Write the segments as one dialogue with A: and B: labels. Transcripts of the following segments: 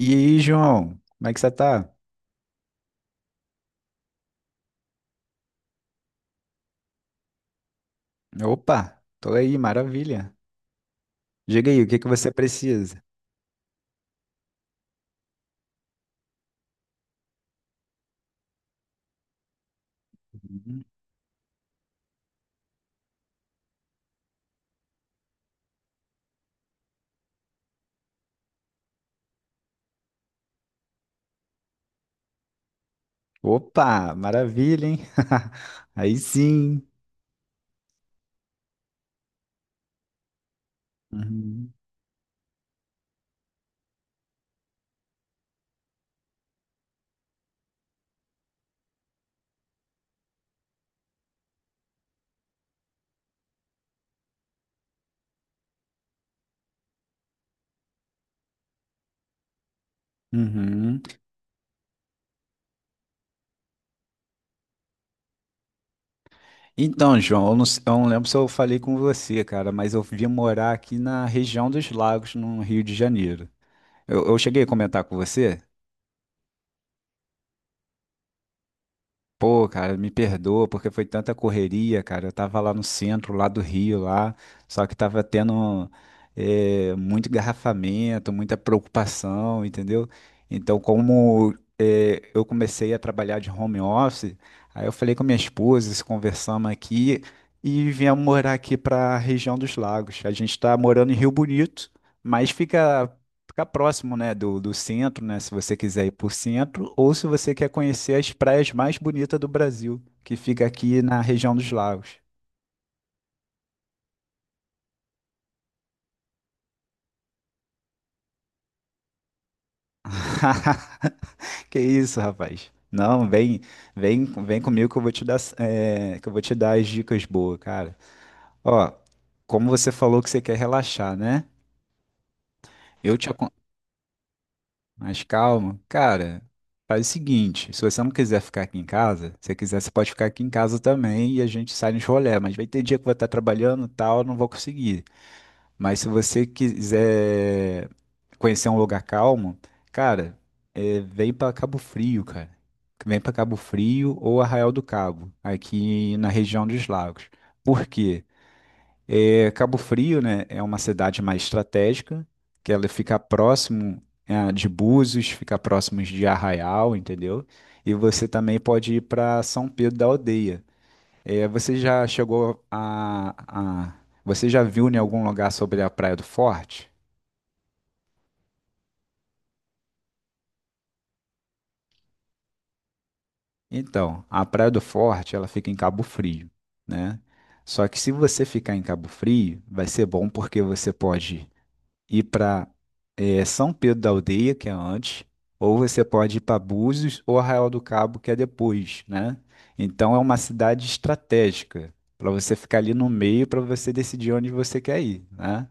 A: E aí, João, como é que você tá? Opa, tô aí, maravilha. Diga aí, o que que você precisa? Uhum. Opa, maravilha, hein? Aí sim. Uhum. Uhum. Então, João, eu não lembro se eu falei com você, cara, mas eu vim morar aqui na região dos Lagos, no Rio de Janeiro. Eu cheguei a comentar com você? Pô, cara, me perdoa porque foi tanta correria, cara. Eu tava lá no centro, lá do Rio, lá, só que tava tendo muito engarrafamento, muita preocupação, entendeu? Então, como eu comecei a trabalhar de home office, aí eu falei com minha esposa, se conversamos aqui e viemos morar aqui pra região dos lagos. A gente tá morando em Rio Bonito, mas ficar próximo, né, do centro, né, se você quiser ir por centro, ou se você quer conhecer as praias mais bonitas do Brasil, que fica aqui na região dos lagos. Que isso, rapaz? Não, vem, vem, vem comigo que eu vou te que eu vou te dar as dicas boas, cara. Ó, como você falou que você quer relaxar, né? Eu te, acon- mais calmo, cara, faz o seguinte, se você não quiser ficar aqui em casa, se você quiser, você pode ficar aqui em casa também e a gente sai nos rolê, mas vai ter dia que eu vou estar trabalhando e tal, eu não vou conseguir. Mas se você quiser conhecer um lugar calmo, cara, vem pra Cabo Frio, cara. Vem pra Cabo Frio ou Arraial do Cabo, aqui na região dos lagos. Por quê? É, Cabo Frio, né, é uma cidade mais estratégica, que ela fica próximo, de Búzios, fica próximo de Arraial, entendeu? E você também pode ir para São Pedro da Aldeia. Você já chegou a- você já viu em algum lugar sobre a Praia do Forte? Então, a Praia do Forte, ela fica em Cabo Frio, né? Só que se você ficar em Cabo Frio, vai ser bom porque você pode ir para São Pedro da Aldeia, que é antes, ou você pode ir para Búzios ou Arraial do Cabo, que é depois, né? Então é uma cidade estratégica para você ficar ali no meio para você decidir onde você quer ir, né?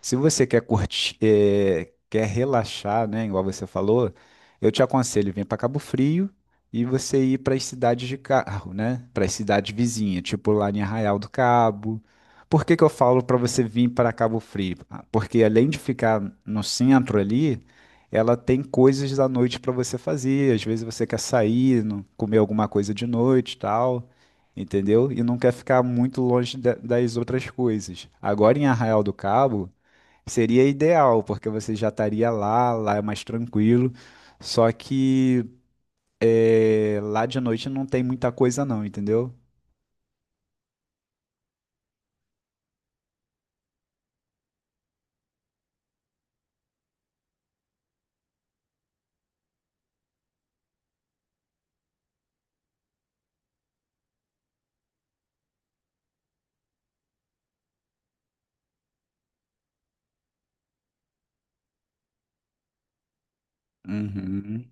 A: Se você quer curtir, quer relaxar, né, igual você falou, eu te aconselho vir para Cabo Frio e você ir para as cidades de carro, né? Para as cidades vizinhas, tipo lá em Arraial do Cabo. Por que que eu falo para você vir para Cabo Frio? Ah, porque além de ficar no centro ali, ela tem coisas da noite para você fazer. Às vezes você quer sair, comer alguma coisa de noite, e tal. Entendeu? E não quer ficar muito longe das outras coisas. Agora em Arraial do Cabo, seria ideal, porque você já estaria lá, lá é mais tranquilo. Só que é, lá de noite não tem muita coisa não, entendeu? Uhum,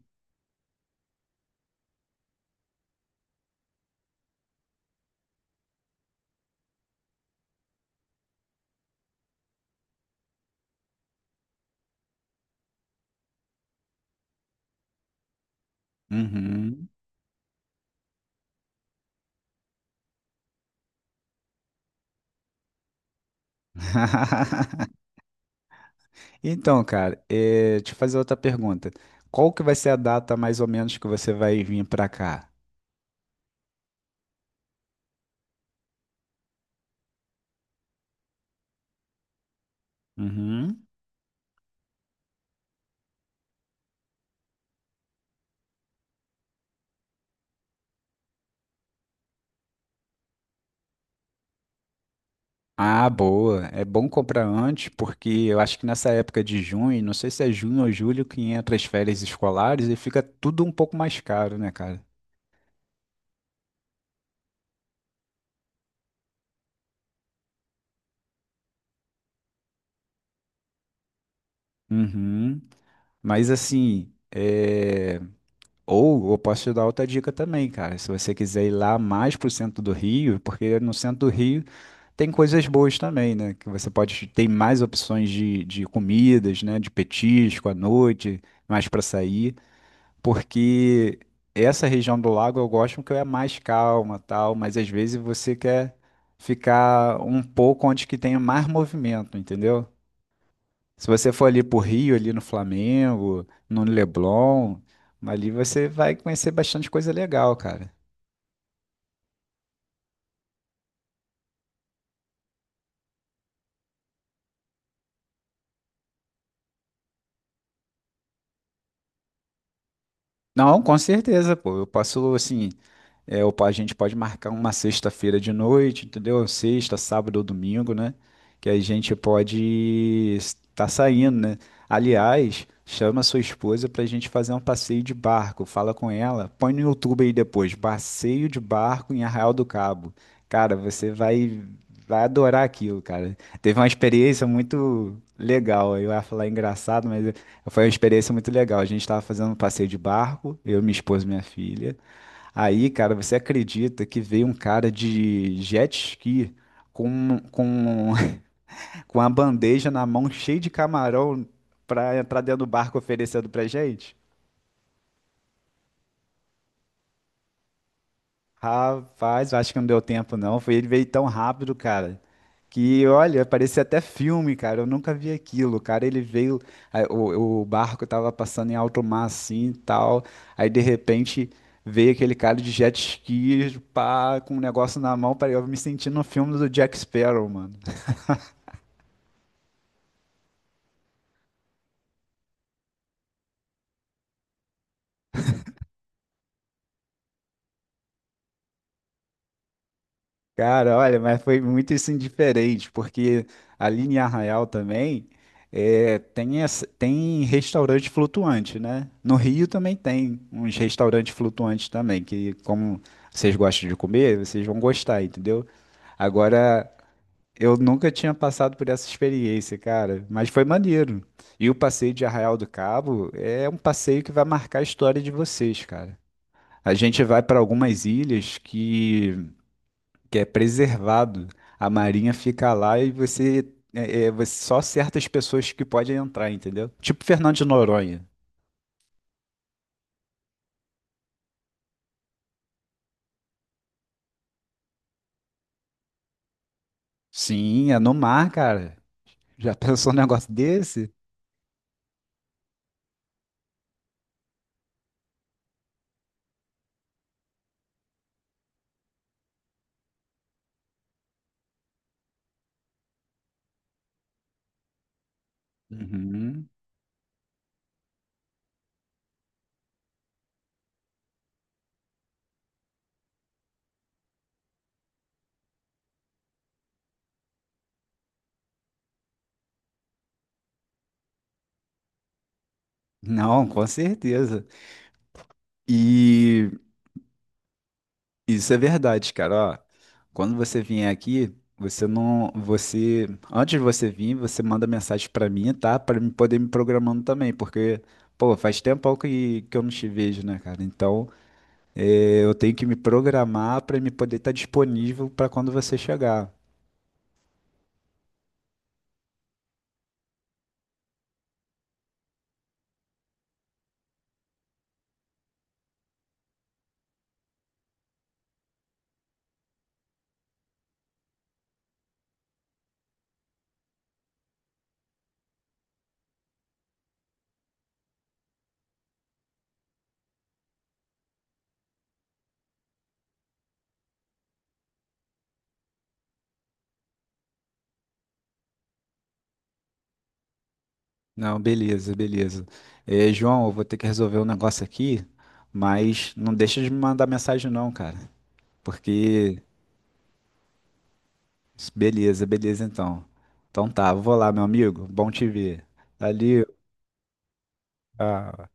A: uhum. Então, cara, deixa eu fazer outra pergunta. Qual que vai ser a data mais ou menos que você vai vir pra cá? Uhum. Ah, boa. É bom comprar antes, porque eu acho que nessa época de junho, não sei se é junho ou julho, que entra as férias escolares e fica tudo um pouco mais caro, né, cara? Uhum. Mas assim, é... ou eu posso te dar outra dica também, cara. Se você quiser ir lá mais pro centro do Rio, porque no centro do Rio tem coisas boas também, né? Que você pode ter mais opções de comidas, né? De petisco à noite, mais pra sair. Porque essa região do lago eu gosto porque é mais calma, tal, mas às vezes você quer ficar um pouco onde que tenha mais movimento, entendeu? Se você for ali pro Rio, ali no Flamengo, no Leblon, ali você vai conhecer bastante coisa legal, cara. Não, com certeza, pô. Eu posso, assim, é, ou a gente pode marcar uma sexta-feira de noite, entendeu? Sexta, sábado ou domingo, né? Que a gente pode estar saindo, né? Aliás, chama sua esposa para a gente fazer um passeio de barco. Fala com ela. Põe no YouTube aí depois. Passeio de barco em Arraial do Cabo. Cara, você vai, vai adorar aquilo, cara. Teve uma experiência muito legal. Eu ia falar engraçado, mas foi uma experiência muito legal. A gente estava fazendo um passeio de barco, eu, minha esposa e minha filha. Aí, cara, você acredita que veio um cara de jet ski com, com, com a bandeja na mão cheia de camarão pra entrar dentro do barco oferecendo pra gente? Rapaz, eu acho que não deu tempo, não. Foi ele veio tão rápido, cara, que olha, parecia até filme, cara. Eu nunca vi aquilo, cara. Ele veio, aí o barco tava passando em alto mar assim e tal. Aí de repente veio aquele cara de jet ski, pá, com um negócio na mão. Eu me senti no filme do Jack Sparrow, mano. Cara, olha, mas foi muito isso indiferente, porque ali em Arraial também tem restaurante flutuante, né? No Rio também tem uns restaurantes flutuantes também, que como vocês gostam de comer, vocês vão gostar, entendeu? Agora, eu nunca tinha passado por essa experiência, cara, mas foi maneiro. E o passeio de Arraial do Cabo é um passeio que vai marcar a história de vocês, cara. A gente vai para algumas ilhas que é preservado. A marinha fica lá e você, só certas pessoas que podem entrar, entendeu? Tipo Fernando de Noronha. Sim, é no mar, cara. Já pensou num negócio desse? Uhum. Não, com certeza. E isso é verdade, cara. Ó, quando você vier aqui, você não, você, antes de você vir, você manda mensagem pra mim, tá? Pra me poder me programando também, porque, pô, faz tempo que eu não te vejo, né, cara? Então é, eu tenho que me programar para me poder estar disponível para quando você chegar. Não, beleza, beleza. É, João, eu vou ter que resolver um negócio aqui, mas não deixa de me mandar mensagem não, cara. Porque, beleza, beleza então. Então tá, vou lá, meu amigo. Bom te ver. Valeu. Tchau.